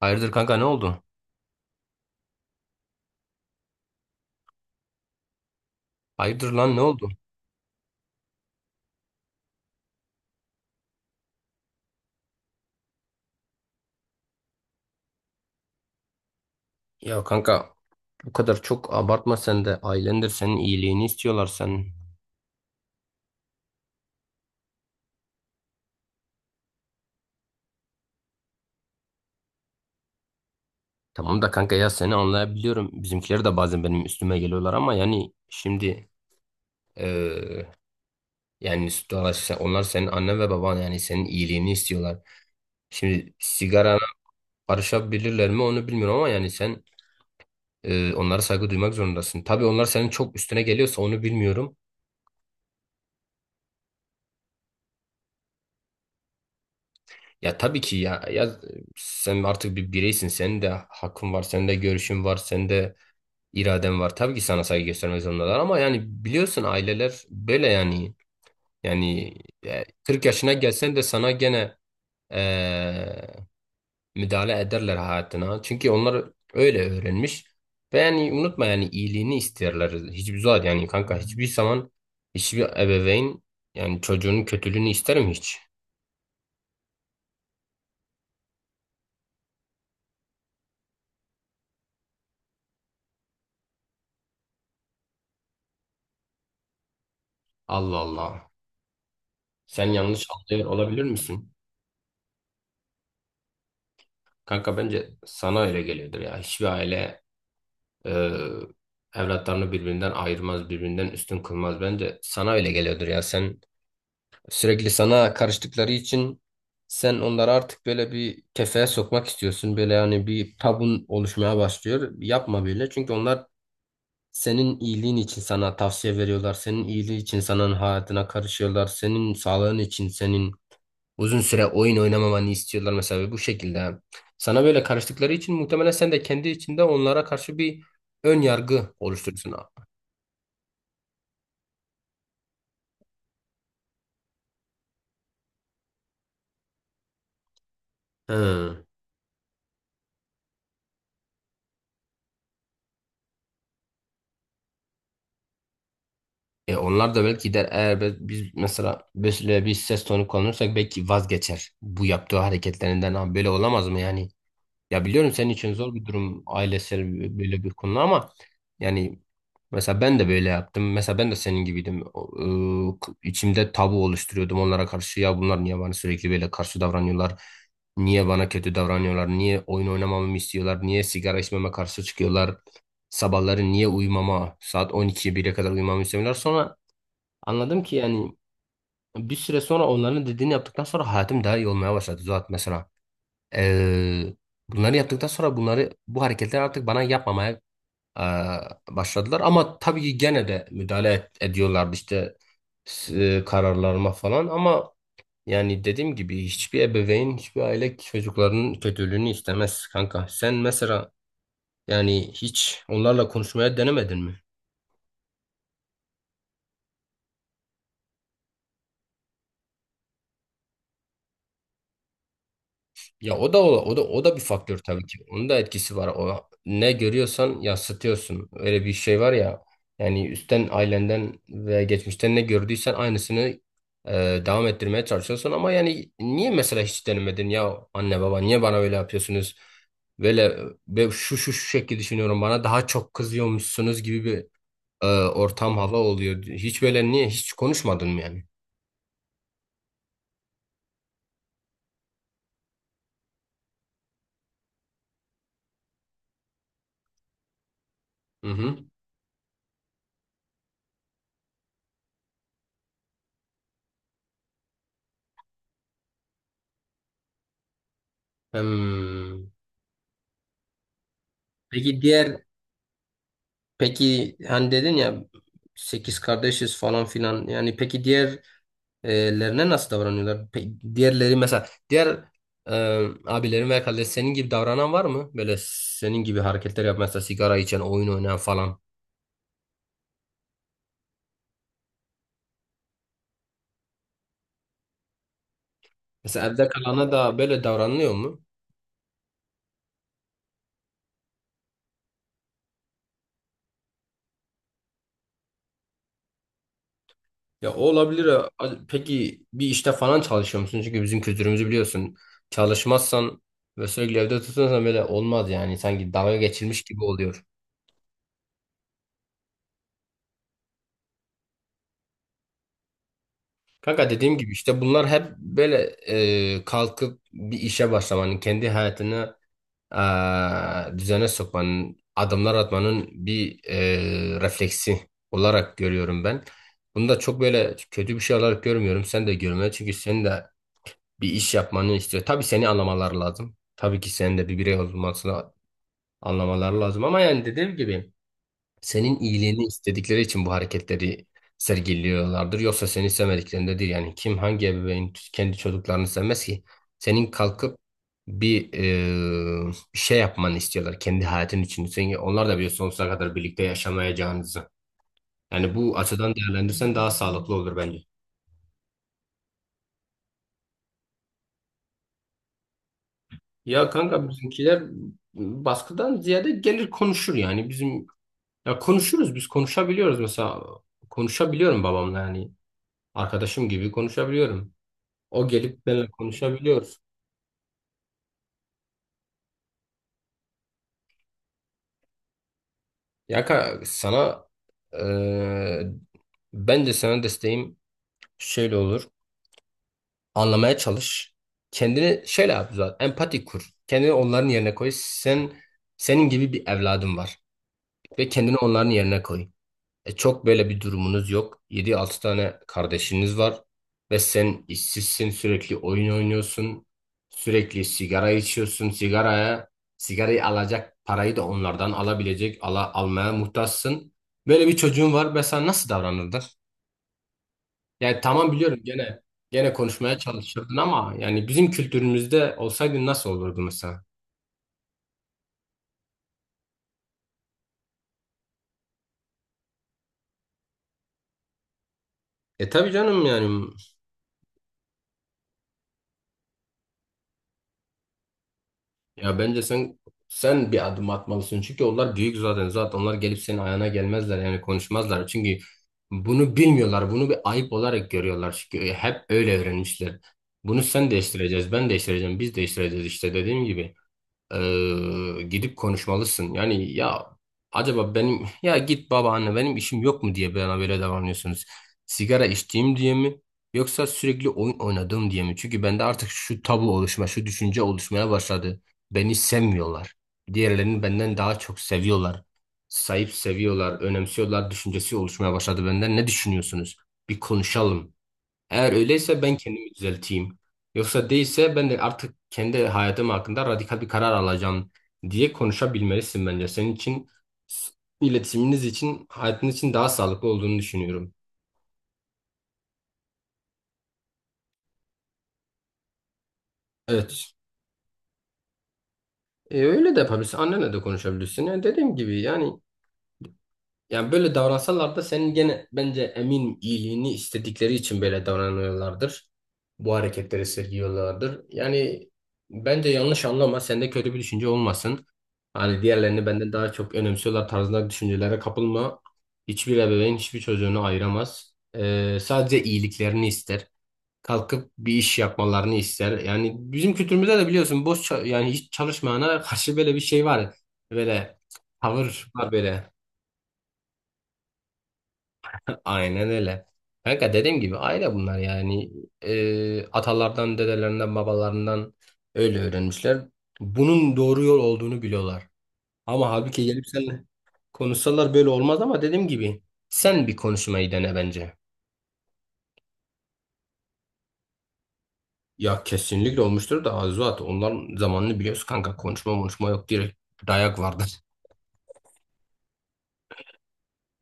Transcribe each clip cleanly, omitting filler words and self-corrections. Hayırdır kanka ne oldu? Hayırdır lan ne oldu? Ya kanka bu kadar çok abartma sen de ailendir senin iyiliğini istiyorlar sen. Tamam da kanka ya seni anlayabiliyorum. Bizimkiler de bazen benim üstüme geliyorlar ama yani şimdi eee, yani dolayısıyla onlar senin annen ve baban yani senin iyiliğini istiyorlar. Şimdi sigarana karışabilirler mi onu bilmiyorum ama yani sen onlara saygı duymak zorundasın. Tabii onlar senin çok üstüne geliyorsa onu bilmiyorum. Ya tabii ki ya, ya sen artık bir bireysin. Senin de hakkın var, senin de görüşün var, senin de iraden var. Tabii ki sana saygı göstermek zorundalar ama yani biliyorsun aileler böyle yani. Yani 40 yaşına gelsen de sana gene e, müdahale ederler hayatına. Çünkü onlar öyle öğrenmiş. Ve yani unutma yani iyiliğini isterler. Hiçbir zaman yani kanka hiçbir zaman hiçbir ebeveyn yani çocuğunun kötülüğünü ister mi hiç? Allah Allah. Sen yanlış anlıyor olabilir misin? Kanka bence sana öyle geliyordur ya. Hiçbir aile e, evlatlarını birbirinden ayırmaz, birbirinden üstün kılmaz. Bence sana öyle geliyordur ya. Sen sürekli sana karıştıkları için sen onları artık böyle bir kefeye sokmak istiyorsun. Böyle yani bir tabun oluşmaya başlıyor. Yapma böyle. Çünkü onlar senin iyiliğin için sana tavsiye veriyorlar. Senin iyiliği için senin hayatına karışıyorlar. Senin sağlığın için, senin uzun süre oyun oynamamanı istiyorlar mesela bu şekilde. Sana böyle karıştıkları için muhtemelen sen de kendi içinde onlara karşı bir ön yargı oluşturursun. Hı. E onlar da belki der eğer biz mesela böyle bir ses tonu kullanırsak belki vazgeçer bu yaptığı hareketlerinden. Abi böyle olamaz mı yani? Ya biliyorum senin için zor bir durum ailesel böyle bir konu ama yani mesela ben de böyle yaptım. Mesela ben de senin gibiydim. İçimde tabu oluşturuyordum onlara karşı. Ya bunlar niye bana sürekli böyle karşı davranıyorlar? Niye bana kötü davranıyorlar? Niye oyun oynamamamı istiyorlar? Niye sigara içmeme karşı çıkıyorlar? Sabahları niye uyumama? Saat 12'ye 1'e kadar uyumamı istemiyorlar. Sonra anladım ki yani bir süre sonra onların dediğini yaptıktan sonra hayatım daha iyi olmaya başladı. Zaten mesela Eee, bunları yaptıktan sonra bunları bu hareketler artık bana yapmamaya eee, başladılar. Ama tabii ki gene de ediyorlardı işte kararlarıma falan. Ama yani dediğim gibi hiçbir ebeveyn, hiçbir aile çocuklarının kötülüğünü istemez kanka. Sen mesela yani hiç onlarla konuşmaya denemedin mi? Ya o da o da bir faktör tabii ki. Onun da etkisi var. O ne görüyorsan yansıtıyorsun. Öyle bir şey var ya. Yani üstten ailenden ve geçmişten ne gördüysen aynısını e, devam ettirmeye çalışıyorsun ama yani niye mesela hiç denemedin ya anne baba niye bana öyle yapıyorsunuz? Böyle ve şu şu şu şekilde düşünüyorum bana daha çok kızıyormuşsunuz gibi bir ortam hava oluyor. Hiç böyle niye hiç konuşmadın mı yani? Hı hı. Hmm. Peki diğer Peki hani dedin ya 8 kardeşiz falan filan yani peki diğerlerine nasıl davranıyorlar? Diğerleri mesela diğer e, abilerin veya kardeş senin gibi davranan var mı? Böyle senin gibi hareketler yap mesela sigara içen, oyun oynayan falan. Mesela evde kalana da böyle davranılıyor mu? Ya o olabilir. Ya. Peki bir işte falan çalışıyor musun? Çünkü bizim kültürümüzü biliyorsun. Çalışmazsan ve sürekli evde tutunsan böyle olmaz yani. Sanki dalga geçilmiş gibi oluyor. Kanka dediğim gibi işte bunlar hep böyle kalkıp bir işe başlamanın, kendi hayatını düzene sokmanın, adımlar atmanın bir refleksi olarak görüyorum ben. Bunu da çok böyle kötü bir şey olarak görmüyorum. Sen de görme çünkü senin de bir iş yapmanı istiyor. Tabii seni anlamaları lazım. Tabii ki senin de bir birey olmasını anlamaları lazım. Ama yani dediğim gibi. Senin iyiliğini istedikleri için bu hareketleri sergiliyorlardır. Yoksa seni sevmediklerinde değil. Yani kim hangi ebeveyn kendi çocuklarını sevmez ki? Senin kalkıp bir e, bir şey yapmanı istiyorlar kendi hayatın için. Sen, onlar da biliyor sonsuza kadar birlikte yaşamayacağınızı. Yani bu açıdan değerlendirsen daha sağlıklı olur bence. Ya kanka bizimkiler baskıdan ziyade gelir konuşur yani. Bizim ya konuşuruz biz konuşabiliyoruz mesela. Konuşabiliyorum babamla yani. Arkadaşım gibi konuşabiliyorum. O gelip benimle konuşabiliyor. Sana eee bence sana desteğim şöyle olur. Anlamaya çalış. Kendini şöyle yap zaten. Empati kur. Kendini onların yerine koy. Sen senin gibi bir evladın var ve kendini onların yerine koy. E, çok böyle bir durumunuz yok. Yedi altı tane kardeşiniz var ve sen işsizsin, sürekli oyun oynuyorsun. Sürekli sigara içiyorsun. Sigarayı alacak parayı da onlardan almaya muhtaçsın. Böyle bir çocuğun var ve sen nasıl davranırdın? Yani tamam biliyorum gene konuşmaya çalışırdın ama yani bizim kültürümüzde olsaydın nasıl olurdu mesela? E tabii canım yani. Ya bence sen bir adım atmalısın. Çünkü onlar büyük zaten. Zaten onlar gelip senin ayağına gelmezler yani konuşmazlar. Çünkü bunu bilmiyorlar. Bunu bir ayıp olarak görüyorlar. Çünkü hep öyle öğrenmişler. Bunu sen değiştireceğiz, ben değiştireceğim, biz değiştireceğiz işte dediğim gibi. Gidip konuşmalısın. Yani ya acaba benim ya git babaanne benim işim yok mu diye bana böyle davranıyorsunuz. Sigara içtiğim diye mi yoksa sürekli oyun oynadığım diye mi? Çünkü bende artık şu tabu oluşma, şu düşünce oluşmaya başladı. Beni sevmiyorlar. Diğerlerini benden daha çok seviyorlar. Sahip seviyorlar, önemsiyorlar düşüncesi oluşmaya başladı benden. Ne düşünüyorsunuz? Bir konuşalım. Eğer öyleyse ben kendimi düzelteyim. Yoksa değilse ben de artık kendi hayatım hakkında radikal bir karar alacağım diye konuşabilmelisin bence. Senin için s- iletişiminiz için, hayatın için daha sağlıklı olduğunu düşünüyorum. Evet. E, öyle de yapabilirsin. Annenle de konuşabilirsin. Yani dediğim gibi yani. Yani böyle davransalar da senin gene bence emin iyiliğini istedikleri için böyle davranıyorlardır. Bu hareketleri sergiliyorlardır. Yani bence yanlış anlama, sende kötü bir düşünce olmasın. Hani diğerlerini benden daha çok önemsiyorlar tarzında düşüncelere kapılma. Hiçbir ebeveyn hiçbir çocuğunu ayıramaz. Sadece iyiliklerini ister. Kalkıp bir iş yapmalarını ister. Yani bizim kültürümüzde de biliyorsun yani hiç çalışmayana karşı böyle bir şey var. Böyle tavır var böyle. Aynen öyle. Kanka dediğim gibi aile bunlar yani. Atalardan, dedelerinden, babalarından öyle öğrenmişler. Bunun doğru yol olduğunu biliyorlar. Ama halbuki gelip seninle konuşsalar böyle olmaz ama dediğim gibi sen bir konuşmayı dene bence. Ya kesinlikle olmuştur da Azuat onların zamanını biliyorsun kanka. Konuşma konuşma yok direkt dayak vardır.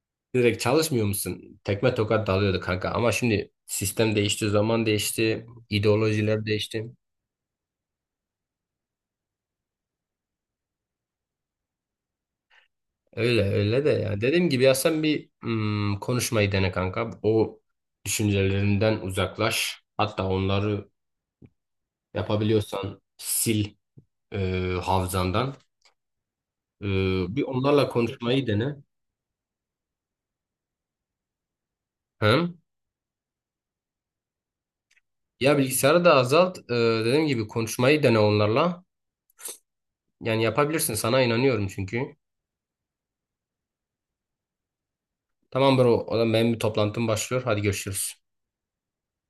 Direkt çalışmıyor musun? Tekme tokat dalıyordu kanka ama şimdi sistem değişti, zaman değişti, ideolojiler değişti. Öyle öyle de ya. Dediğim gibi ya sen bir hmm, konuşmayı dene kanka. O düşüncelerinden uzaklaş. Hatta onları yapabiliyorsan sil e, hafızandan. E, Bir onlarla konuşmayı dene. Hı? Ya bilgisayarı da azalt. Dediğim gibi konuşmayı dene onlarla. Yani yapabilirsin. Sana inanıyorum çünkü. Tamam bro. O zaman benim bir toplantım başlıyor. Hadi görüşürüz.